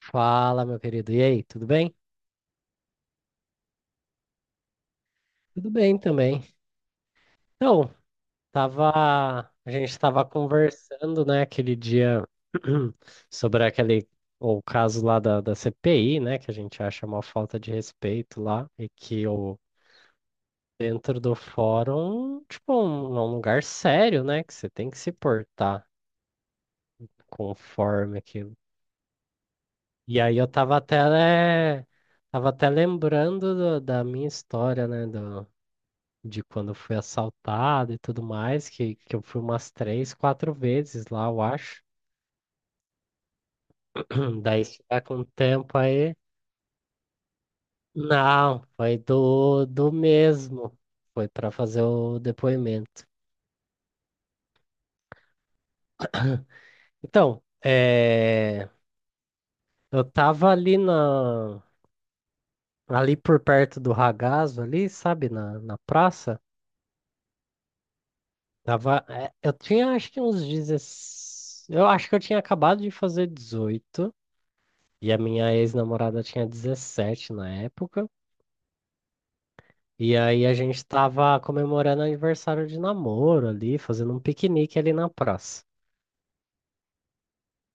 Fala, meu querido. E aí, tudo bem? Tudo bem também. Então, tava, a gente estava conversando, né, aquele dia sobre aquele o caso lá da CPI, né, que a gente acha uma falta de respeito lá e que o dentro do fórum, tipo, é um lugar sério, né, que você tem que se portar conforme aquilo. E aí eu tava até, né, tava até lembrando da minha história, né, do de quando eu fui assaltado e tudo mais, que eu fui umas três, quatro vezes lá, eu acho. Daí se tiver com tempo aí. Não, foi do mesmo. Foi para fazer o depoimento. Então, eu tava ali por perto do Ragazzo, ali, sabe, na praça. Eu tinha acho que uns 16. Eu acho que eu tinha acabado de fazer 18. E a minha ex-namorada tinha 17 na época. E aí a gente tava comemorando aniversário de namoro ali, fazendo um piquenique ali na praça.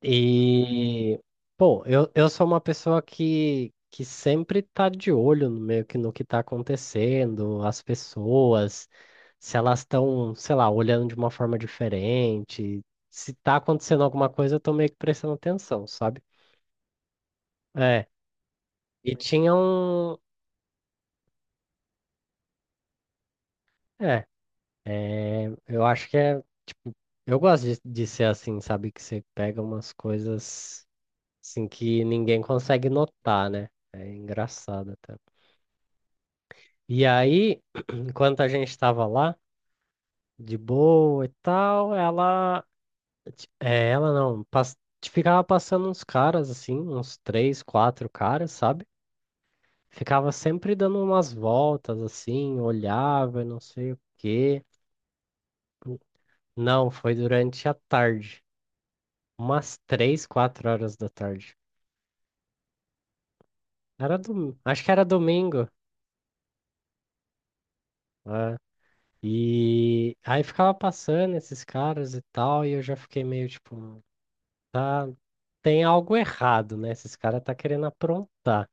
E, pô, eu sou uma pessoa que sempre tá de olho no meio que no que tá acontecendo, as pessoas, se elas estão, sei lá, olhando de uma forma diferente, se tá acontecendo alguma coisa, eu tô meio que prestando atenção, sabe? É, e tinha um. É, eu acho que é, tipo, eu gosto de ser assim, sabe? Que você pega umas coisas assim que ninguém consegue notar, né? É engraçado até. E aí, enquanto a gente tava lá, de boa e tal, ela. É, ela não, pas- ficava passando uns caras, assim, uns três, quatro caras, sabe? Ficava sempre dando umas voltas, assim, olhava, e não sei o quê. Não, foi durante a tarde. Umas três, quatro horas da tarde. Era acho que era domingo, né? E aí ficava passando esses caras e tal, e eu já fiquei meio tipo, tá, tem algo errado, né? Esses caras tá querendo aprontar.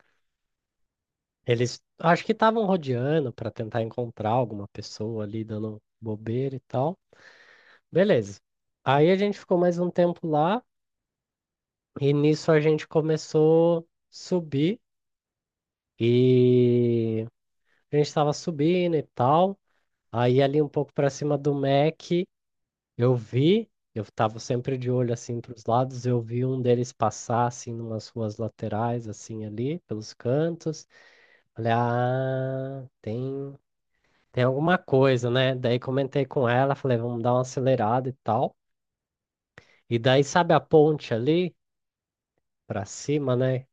Eles acho que estavam rodeando para tentar encontrar alguma pessoa ali dando bobeira e tal. Beleza. Aí a gente ficou mais um tempo lá, e nisso a gente começou a subir, e a gente tava subindo e tal. Aí ali um pouco para cima do Mac, eu vi, eu tava sempre de olho assim para os lados, eu vi um deles passar assim numas ruas laterais assim ali, pelos cantos. Falei: "Ah, tem alguma coisa, né?" Daí comentei com ela, falei: "Vamos dar uma acelerada e tal". E daí sabe a ponte ali para cima, né?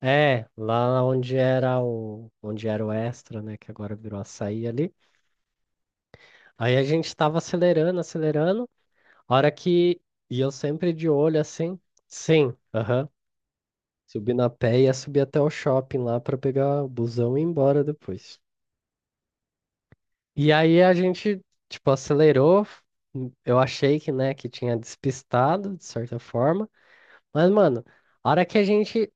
Lá onde era o Extra, né, que agora virou Açaí ali. Aí a gente tava acelerando, acelerando. Hora que. E eu sempre de olho assim. Sim, aham. Subi na pé e ia subir até o shopping lá pra pegar o busão e ir embora depois. E aí a gente, tipo, acelerou. Eu achei que, né, que tinha despistado, de certa forma. Mas, mano, a hora que a gente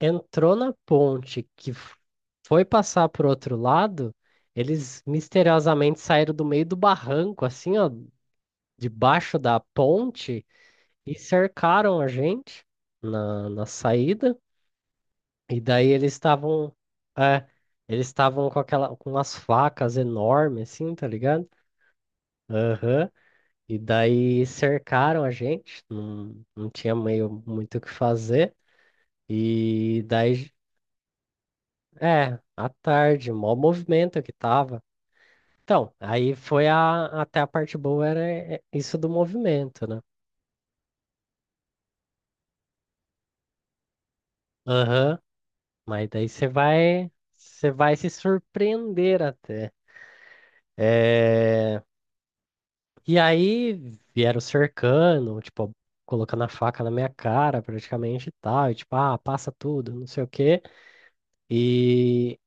entrou na ponte, que foi passar pro outro lado, eles misteriosamente saíram do meio do barranco, assim, ó, debaixo da ponte e cercaram a gente na saída. E daí é, eles estavam com aquela, com umas facas enormes, assim, tá ligado? Aham. E daí cercaram a gente, não tinha meio muito o que fazer. E daí, à tarde, mó movimento que tava. Então, aí foi até a parte boa era isso do movimento, né? Aham. Mas daí você vai se surpreender até. É, E aí vieram cercando, tipo, colocando a faca na minha cara praticamente e tal. E tipo, ah, passa tudo, não sei o quê. E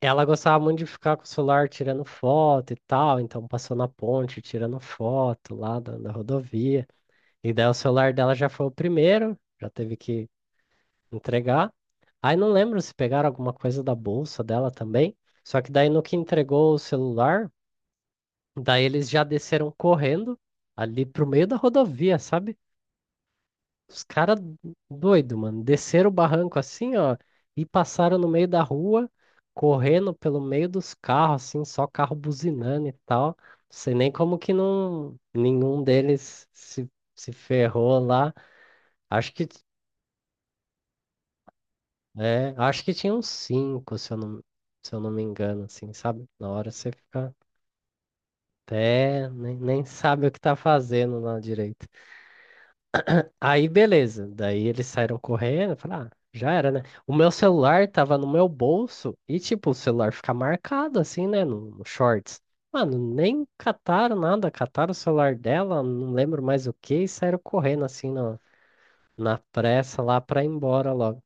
ela gostava muito de ficar com o celular tirando foto e tal. Então passou na ponte tirando foto lá da rodovia. E daí o celular dela já foi o primeiro, já teve que entregar. Aí não lembro se pegaram alguma coisa da bolsa dela também. Só que daí no que entregou o celular. Daí eles já desceram correndo ali pro meio da rodovia, sabe? Os caras doido, mano. Desceram o barranco assim, ó, e passaram no meio da rua, correndo pelo meio dos carros, assim, só carro buzinando e tal. Não sei nem como que não, nenhum deles se ferrou lá. Acho que, acho que tinha uns cinco, se eu não me engano, assim, sabe? Na hora você fica até, nem sabe o que tá fazendo lá direito. Aí, beleza. Daí eles saíram correndo. Eu falei, ah, já era, né? O meu celular tava no meu bolso e, tipo, o celular fica marcado assim, né? No shorts. Mano, nem cataram nada. Cataram o celular dela, não lembro mais o que, e saíram correndo assim na pressa lá pra ir embora logo.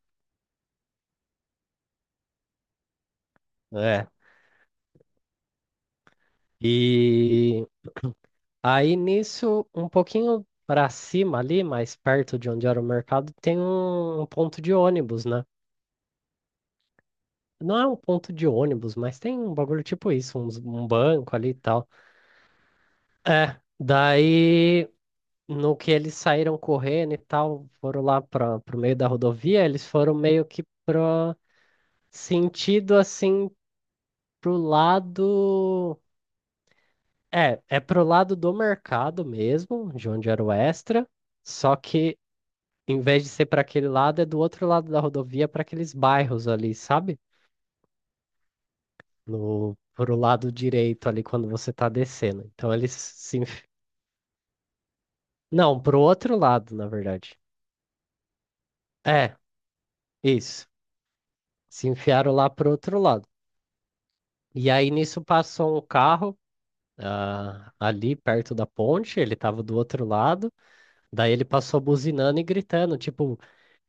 É. E aí nisso, um pouquinho pra cima ali, mais perto de onde era o mercado, tem um ponto de ônibus, né? Não é um ponto de ônibus, mas tem um bagulho tipo isso, um banco ali e tal. É, daí no que eles saíram correndo e tal, foram lá para pro meio da rodovia, eles foram meio que pro sentido assim pro lado, pro lado do mercado mesmo, de onde era o extra, só que em vez de ser para aquele lado, é do outro lado da rodovia para aqueles bairros ali, sabe? No pro lado direito ali quando você tá descendo. Então eles se. Não, pro outro lado, na verdade. É, isso. Se enfiaram lá pro outro lado. E aí nisso passou um carro ali perto da ponte, ele tava do outro lado. Daí ele passou buzinando e gritando, tipo,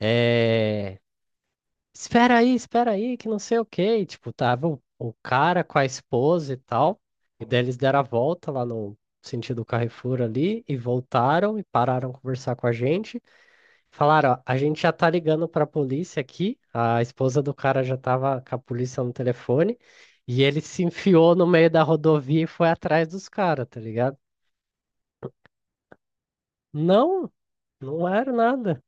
é... espera aí, que não sei o quê. E, tipo, tava o cara com a esposa e tal. E daí eles deram a volta lá no sentido Carrefour ali e voltaram e pararam conversar com a gente. Falaram, ó, a gente já tá ligando pra polícia aqui. A esposa do cara já tava com a polícia no telefone e ele se enfiou no meio da rodovia e foi atrás dos caras, tá ligado? Não, não era nada.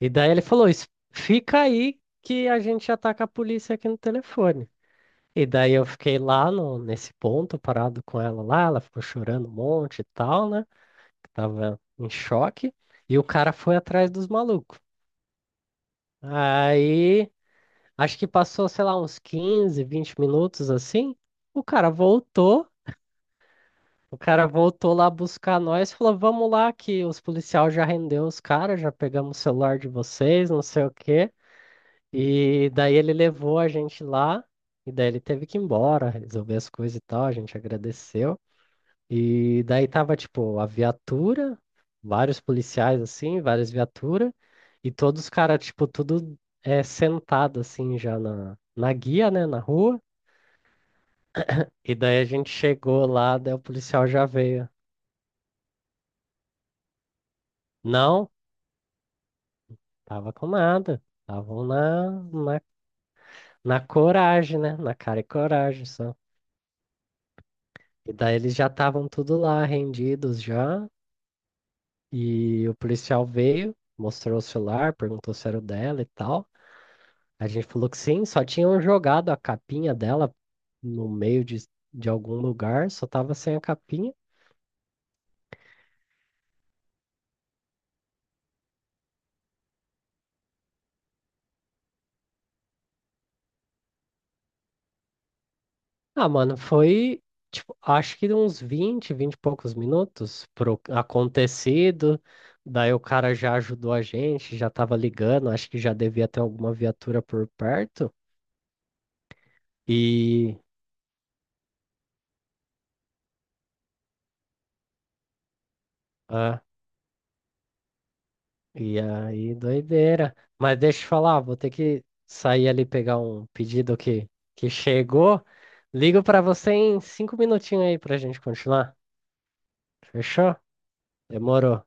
E daí ele falou: "Fica aí que a gente já tá com a polícia aqui no telefone. E daí eu fiquei lá no, nesse ponto, parado com ela lá. Ela ficou chorando um monte e tal, né? Tava em choque. E o cara foi atrás dos malucos. Aí. Acho que passou, sei lá, uns 15, 20 minutos assim. O cara voltou, o cara voltou lá buscar nós, e falou: "Vamos lá que os policiais já rendeu os caras, já pegamos o celular de vocês, não sei o quê". E daí ele levou a gente lá, e daí ele teve que ir embora, resolver as coisas e tal, a gente agradeceu. E daí tava tipo a viatura, vários policiais assim, várias viaturas, e todos os caras tipo tudo é sentado assim já na guia, né, na rua. E daí a gente chegou lá, daí o policial já veio. Não, tava com nada. Estavam na coragem, né? Na cara e coragem só. E daí eles já estavam tudo lá, rendidos já. E o policial veio, mostrou o celular, perguntou se era o dela e tal. A gente falou que sim, só tinham jogado a capinha dela no meio de algum lugar, só tava sem a capinha. Ah, mano, foi, tipo, acho que uns 20, 20 e poucos minutos pro acontecido. Daí o cara já ajudou a gente, já tava ligando, acho que já devia ter alguma viatura por perto. E, ah, e aí, doideira. Mas deixa eu te falar, vou ter que sair ali pegar um pedido que chegou. Ligo pra você em 5 minutinhos aí pra gente continuar. Fechou? Demorou.